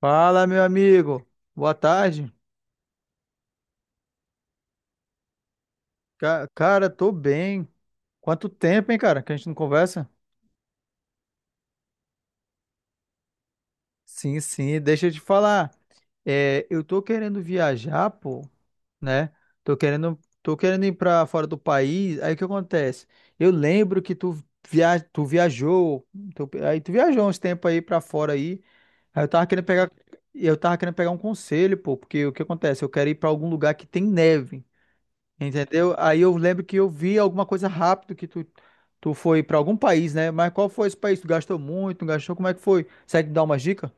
Fala, meu amigo. Boa tarde. Cara, tô bem. Quanto tempo, hein, cara, que a gente não conversa? Sim, sim, deixa eu te falar. É, eu tô querendo viajar, pô, né? Tô querendo ir pra fora do país. Aí o que acontece? Eu lembro que tu, via, tu viajou, tu- aí tu viajou uns tempos aí pra fora aí. Aí eu tava querendo pegar um conselho, pô, porque o que acontece? Eu quero ir pra algum lugar que tem neve. Entendeu? Aí eu lembro que eu vi alguma coisa rápido que tu foi para algum país, né? Mas qual foi esse país? Tu gastou muito, não gastou? Como é que foi? Consegue dar uma dica?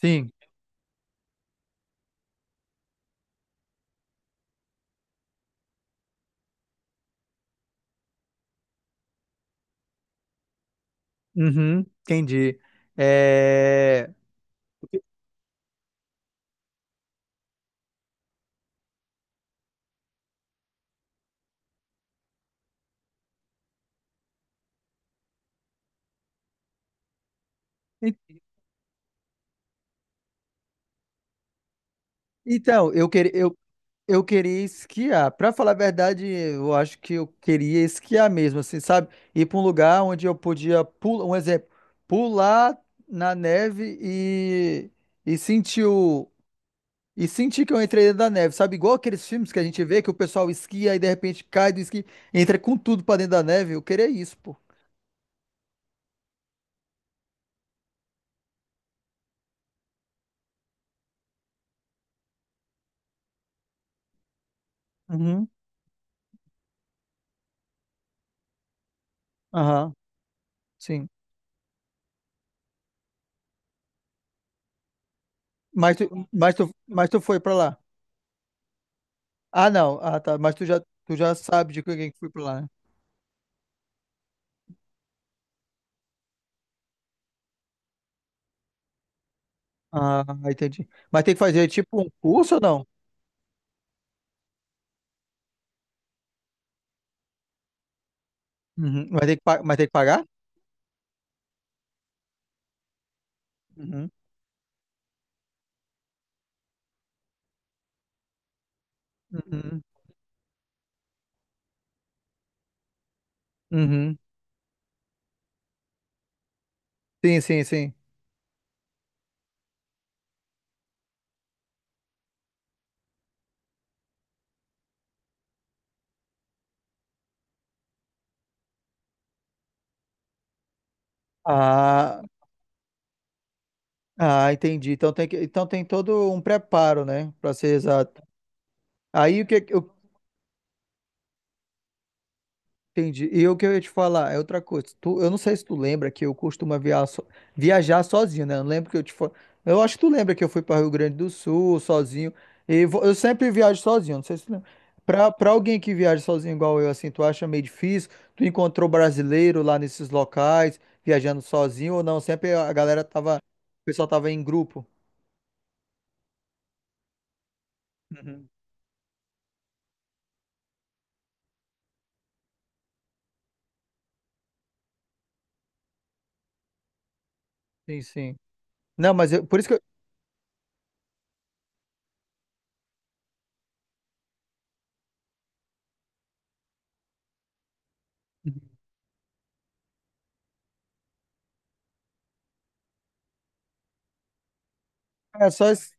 Sim. Uhum, entendi. É, e- então, eu queria esquiar. Pra falar a verdade, eu acho que eu queria esquiar mesmo, assim, sabe? Ir pra um lugar onde eu podia pular, um exemplo, pular na neve. E sentir o, E senti que eu entrei dentro da neve, sabe? Igual aqueles filmes que a gente vê que o pessoal esquia e de repente cai do esqui, entra com tudo pra dentro da neve. Eu queria isso, pô. Uhum. Aham, sim. Mas tu foi pra lá. Ah, não. Ah, tá. Mas tu já sabe de quem que foi pra lá, né? Ah, entendi. Mas tem que fazer tipo um curso ou não? Uhum. Mas tem que pagar? Uhum. Uhum. Uhum. Sim, sim, sim. Ah, ah, entendi. Então tem todo um preparo, né? Pra ser exato. Aí o que, o Entendi. E o que eu ia te falar é outra coisa. Eu não sei se tu lembra que eu costumo viajar sozinho, né? Eu acho que tu lembra que eu fui para Rio Grande do Sul sozinho. Eu sempre viajo sozinho, não sei se tu lembra. Pra alguém que viaja sozinho igual eu, assim, tu acha meio difícil? Tu encontrou brasileiro lá nesses locais, viajando sozinho ou não? Sempre a galera tava. O pessoal tava em grupo. Uhum. Sim, sim. Não, por isso que eu. É só. Isso.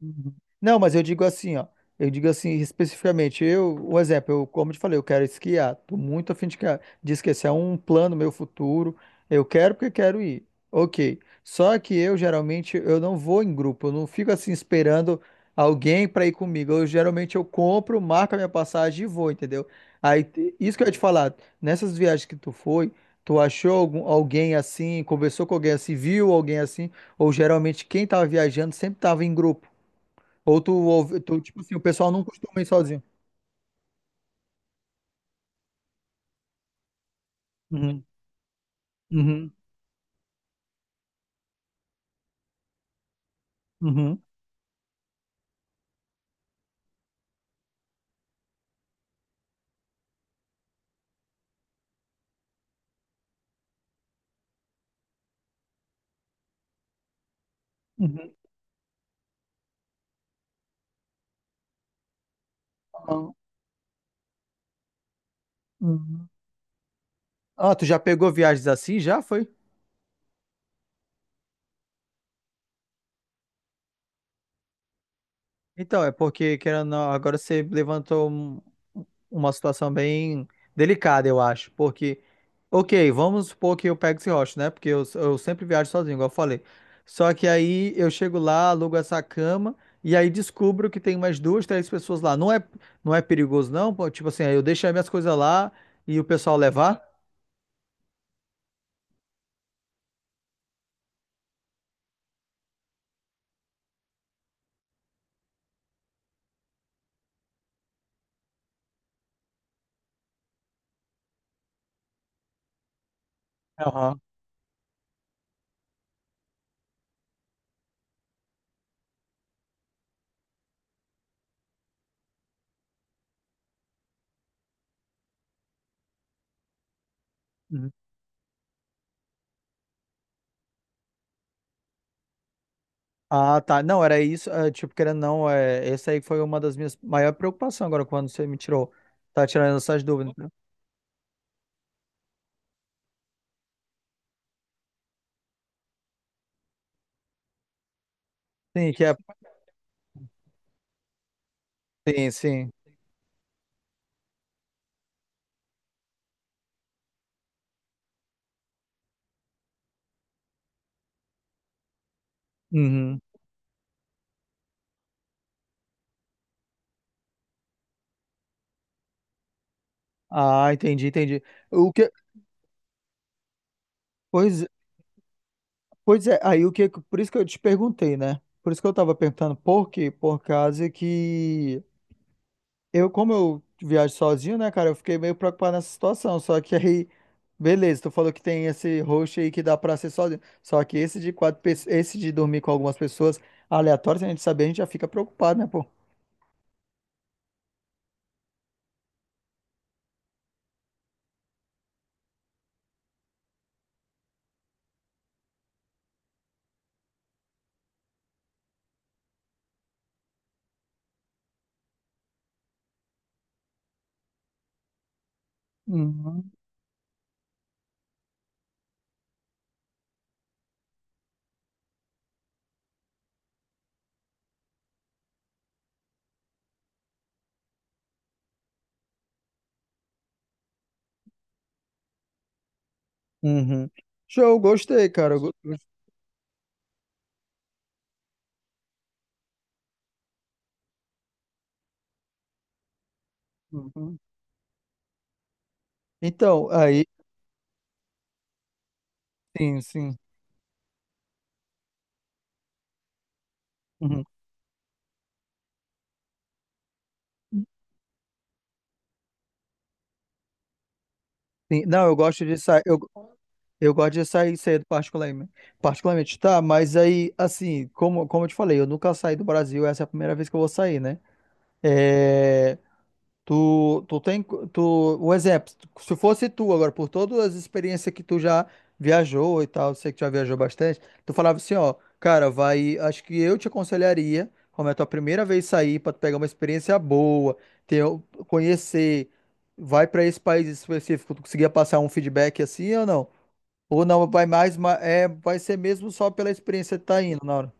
Uhum. Não, mas eu digo assim, ó. Eu digo assim especificamente, um exemplo, como eu te falei, eu quero esquiar. Tô muito afim de esquiar. É um plano meu futuro. Eu quero porque quero ir. Ok. Só que eu geralmente eu não vou em grupo, eu não fico assim esperando alguém para ir comigo. Eu geralmente eu compro, marco a minha passagem e vou, entendeu? Aí isso que eu ia te falar, nessas viagens que tu foi, tu achou algum, alguém assim, conversou com alguém assim, viu alguém assim, ou geralmente quem tava viajando sempre tava em grupo. Ou tipo assim, o pessoal não costuma ir sozinho. Uhum, uhum, uhum, uhum. Ah, uhum. Ah, tu já pegou viagens assim? Já foi? Então, é porque, querendo ou não, agora você levantou uma situação bem delicada, eu acho. Porque, ok, vamos supor que eu pego esse rosto, né? Porque eu sempre viajo sozinho, igual eu falei. Só que aí eu chego lá, alugo essa cama, e aí descubro que tem umas duas, três pessoas lá. Não é perigoso, não? Pô, tipo assim, aí eu deixo as minhas coisas lá. E o pessoal levar? Aham. Uhum. Ah, tá. Não, era isso. É, tipo, querendo ou não, é, essa aí foi uma das minhas maiores preocupações agora quando você me tirou. Tá tirando essas dúvidas, né? Sim, que é. Sim, sim. Uhum. Ah, entendi, entendi. O que... Pois Pois é, aí o que, por isso que eu te perguntei, né? Por isso que eu tava perguntando por quê? Por causa que eu, como eu viajo sozinho, né, cara, eu fiquei meio preocupado nessa situação. Só que aí, beleza, tu falou que tem esse host aí que dá pra ser sozinho. Só que esse de quatro pessoas, esse de dormir com algumas pessoas aleatórias, se a gente saber, a gente já fica preocupado, né, pô? Uhum. Uhum. Show, gostei, cara. Uhum. Então, aí, sim, sim. Uhum. Sim, não, eu gosto de sair. Eu gosto de sair cedo, particularmente. Particularmente, tá? Mas aí, assim, como eu te falei, eu nunca saí do Brasil, essa é a primeira vez que eu vou sair, né? É, Tu, tu tem, tu, o exemplo, se fosse tu agora, por todas as experiências que tu já viajou e tal, sei que tu já viajou bastante, tu falava assim, ó, cara, vai, acho que eu te aconselharia, como é a tua primeira vez sair, pra tu pegar uma experiência boa, ter, conhecer, vai pra esse país específico, tu conseguia passar um feedback assim ou não? Ou não, vai mais, é, vai ser mesmo só pela experiência que tá indo na hora.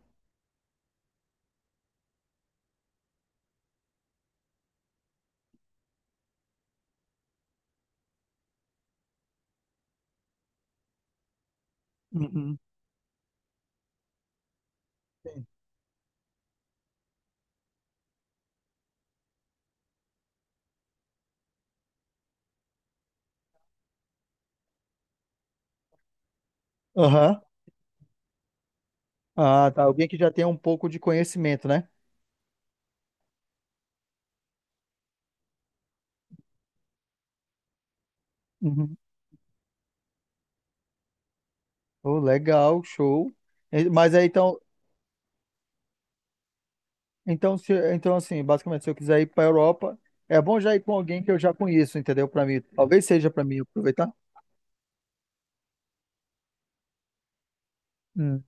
Uhum. Sim. Aham. Ah, tá, alguém que já tem um pouco de conhecimento, né? Uhum. Oh, legal, show. Mas aí então assim, basicamente, se eu quiser ir para a Europa, é bom já ir com alguém que eu já conheço, entendeu? Para mim, talvez seja para mim aproveitar. Hum.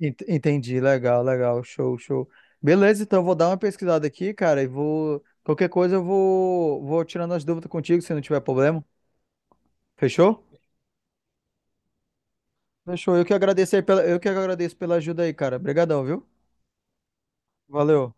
Entendi, legal, legal, show, show. Beleza, então eu vou dar uma pesquisada aqui, cara, e vou. Qualquer coisa eu vou tirando as dúvidas contigo, se não tiver problema. Fechou? Fechou. Eu que agradeço aí pela, eu que agradeço pela ajuda aí, cara. Obrigadão, viu? Valeu.